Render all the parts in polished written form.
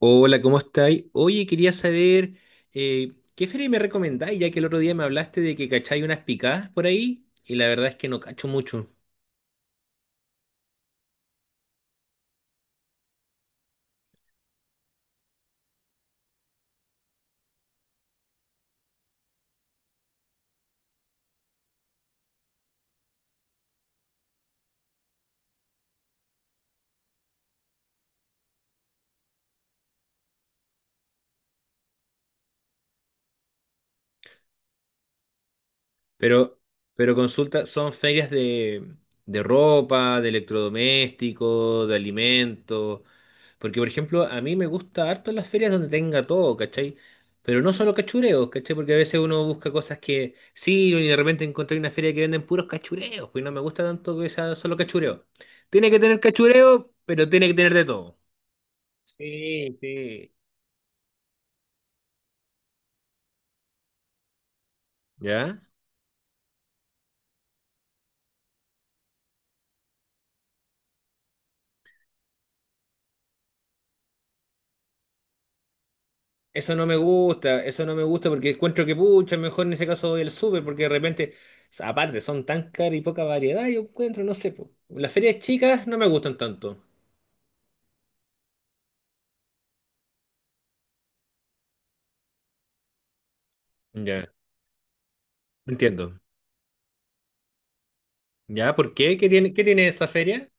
Hola, ¿cómo estáis? Oye, quería saber ¿qué feria me recomendáis? Ya que el otro día me hablaste de que cacháis unas picadas por ahí y la verdad es que no cacho mucho. Pero, pero consulta, son ferias de ropa, de electrodomésticos, de alimentos. Porque, por ejemplo, a mí me gusta harto las ferias donde tenga todo, ¿cachai? Pero no solo cachureos, ¿cachai? Porque a veces uno busca cosas que sí, y de repente encontré una feria que venden puros cachureos, pues no me gusta tanto que sea solo cachureo. Tiene que tener cachureo, pero tiene que tener de todo. Sí, sí. ¿Ya? Eso no me gusta, eso no me gusta porque encuentro que pucha, mejor en ese caso voy al súper porque de repente, aparte, son tan caras y poca variedad, yo encuentro, no sé, po. Las ferias chicas no me gustan tanto. Ya, entiendo. Ya, ¿por qué? ¿Qué tiene esa feria?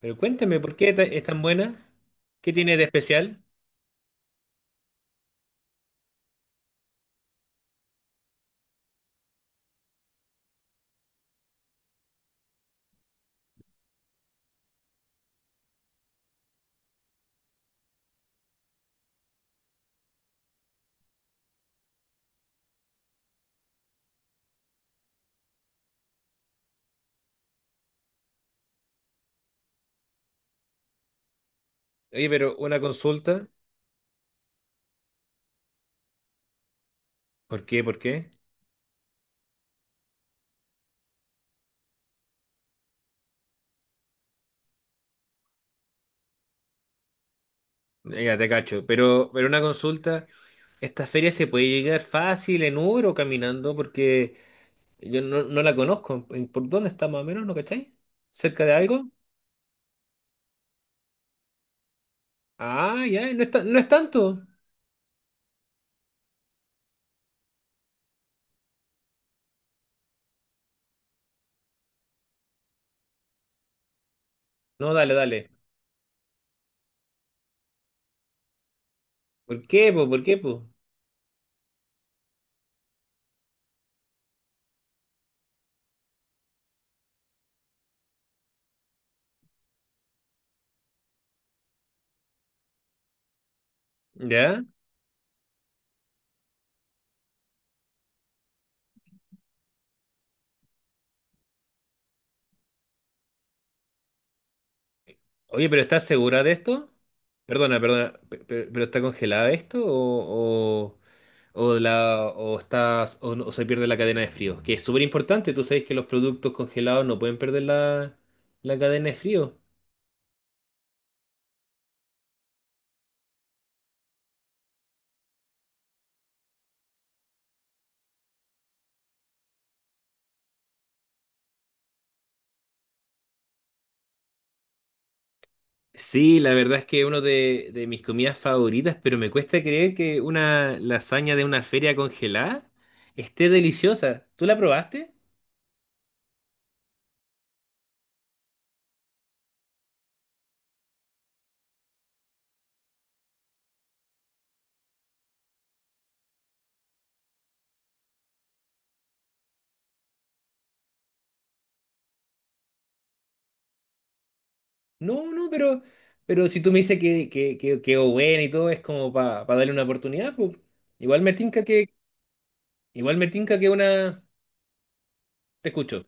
Pero cuéntame, ¿por qué es tan buena? ¿Qué tiene de especial? Oye, pero una consulta. ¿Por qué? ¿Por qué? Ya te cacho. Pero una consulta, ¿esta feria se puede llegar fácil en Uber o caminando? Porque... Yo no, no la conozco. ¿Por dónde está más o menos? ¿No cacháis? ¿Cerca de algo? Ah, ya, no es, no es tanto. No, dale, dale. ¿Por qué, po? ¿Por qué, po? ¿Ya? Oye, pero ¿estás segura de esto? Perdona, perdona. ¿Pero, está congelada esto? O la, o, estás, o, no- o se pierde la cadena de frío? Que es súper importante. Tú sabes que los productos congelados no pueden perder la, cadena de frío. Sí, la verdad es que uno de mis comidas favoritas, pero me cuesta creer que una lasaña de una feria congelada esté deliciosa. ¿Tú la probaste? No, no, pero si tú me dices que, que quedó buena y todo, es como para darle una oportunidad, pues igual me tinca que, igual me tinca que una... Te escucho.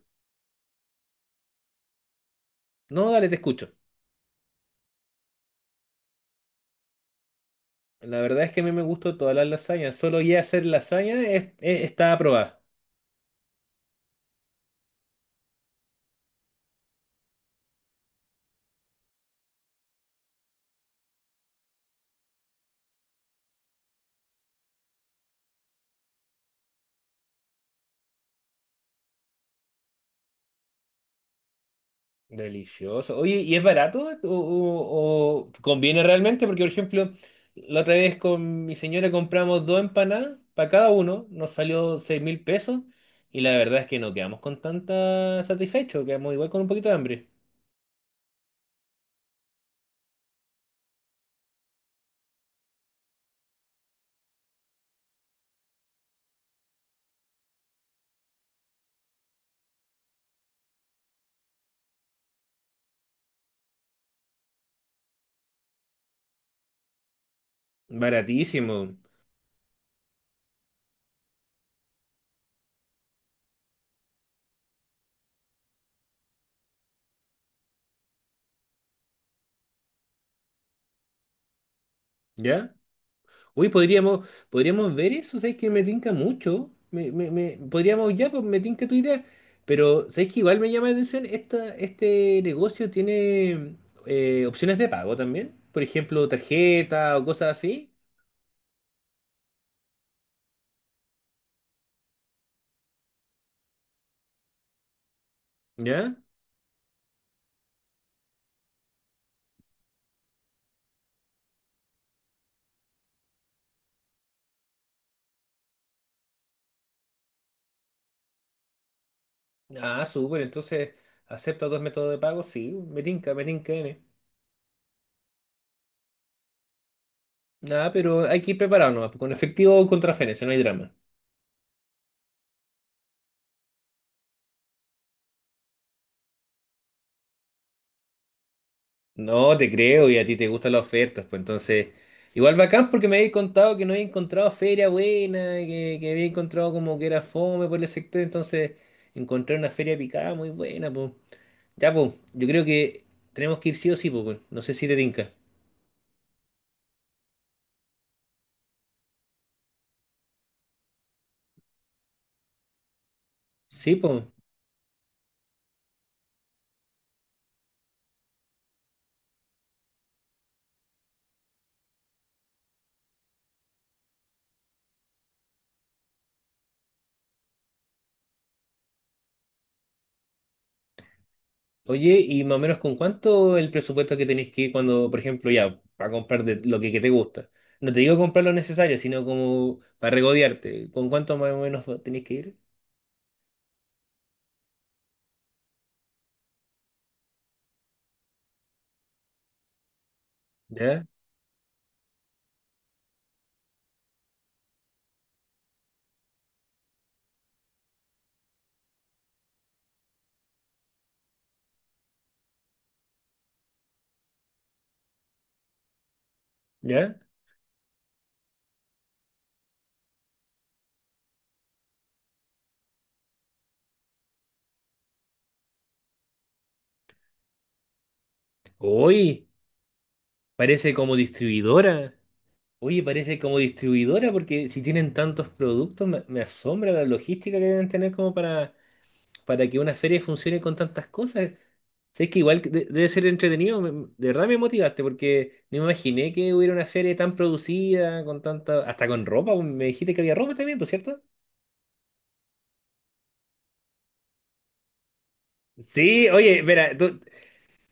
No, dale, te escucho. La verdad es que a mí me gustó todas las lasañas. Solo ya hacer lasaña está aprobada. Delicioso. Oye, ¿y es barato o conviene realmente? Porque, por ejemplo, la otra vez con mi señora compramos dos empanadas para cada uno, nos salió 6.000 pesos y la verdad es que no quedamos con tanta satisfecho, quedamos igual con un poquito de hambre. Baratísimo, ¿ya? Uy, podríamos ver eso, ¿sabes que me tinca mucho? Podríamos ya, pues me tinca tu idea. Pero, ¿sabes que igual me llama la atención? Este negocio tiene opciones de pago también. Por ejemplo, tarjeta o cosas así. ¿Ya? Ah, súper. Entonces, ¿acepta dos métodos de pago? Sí, me tinca N. Nada, pero hay que ir preparado nomás, pues, con efectivo o con transferencia, no hay drama. No, te creo, y a ti te gustan las ofertas, pues entonces, igual bacán porque me habéis contado que no había encontrado feria buena, que había encontrado como que era fome por el sector, entonces encontré una feria picada muy buena, pues. Ya, pues, yo creo que tenemos que ir sí o sí, pues, weón. No sé si te tinca. Sí, pues. Oye, y más o menos con cuánto el presupuesto que tenéis que ir cuando, por ejemplo, ya, para comprar de lo que te gusta. No te digo comprar lo necesario, sino como para regodearte. ¿Con cuánto más o menos tenéis que ir? ¿Ya? ¿Ya? Uy. Parece como distribuidora. Oye, parece como distribuidora porque si tienen tantos productos, me asombra la logística que deben tener como para, que una feria funcione con tantas cosas. Sé que igual que debe ser entretenido. De verdad me motivaste porque no me imaginé que hubiera una feria tan producida, con tanta, hasta con ropa. Me dijiste que había ropa también, ¿por cierto? Sí, oye, espera,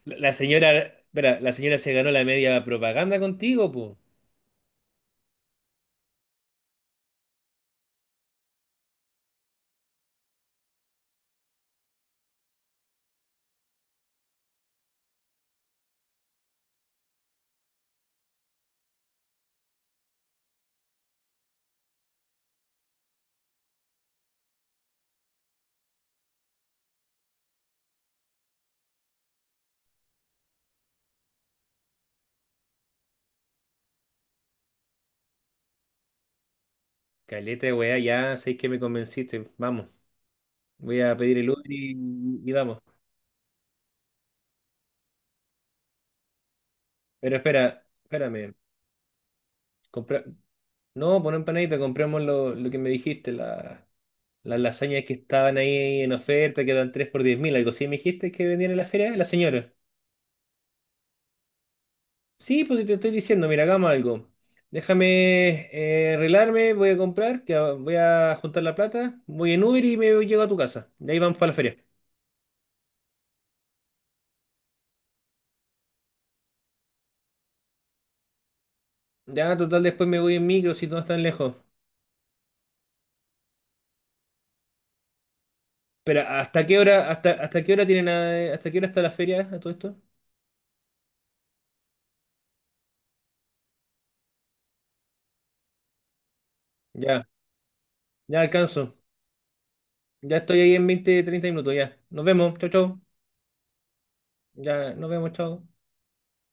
la señora, espera, la señora se ganó la media propaganda contigo, pues. Caleta, de weá, ya sé que me convenciste. Vamos. Voy a pedir el Uber y vamos. Pero espera, espérame. Compra... No, por empanadita, compramos lo que me dijiste, las lasañas que estaban ahí en oferta, que dan 3 por 10.000, algo así. ¿Me dijiste que vendían en la feria? La señora. Sí, pues si te estoy diciendo, mira, hagamos algo. Déjame arreglarme, voy a comprar, que voy a juntar la plata, voy en Uber y me llego a tu casa. De ahí vamos para la feria. Ya, total, después me voy en micro si no están lejos. Pero, ¿hasta qué hora, hasta, hasta qué hora tienen, hasta qué hora está la feria a todo esto? Ya, ya alcanzo. Ya estoy ahí en 20-30 minutos, ya. Nos vemos, chau, chau. Ya, nos vemos, chau.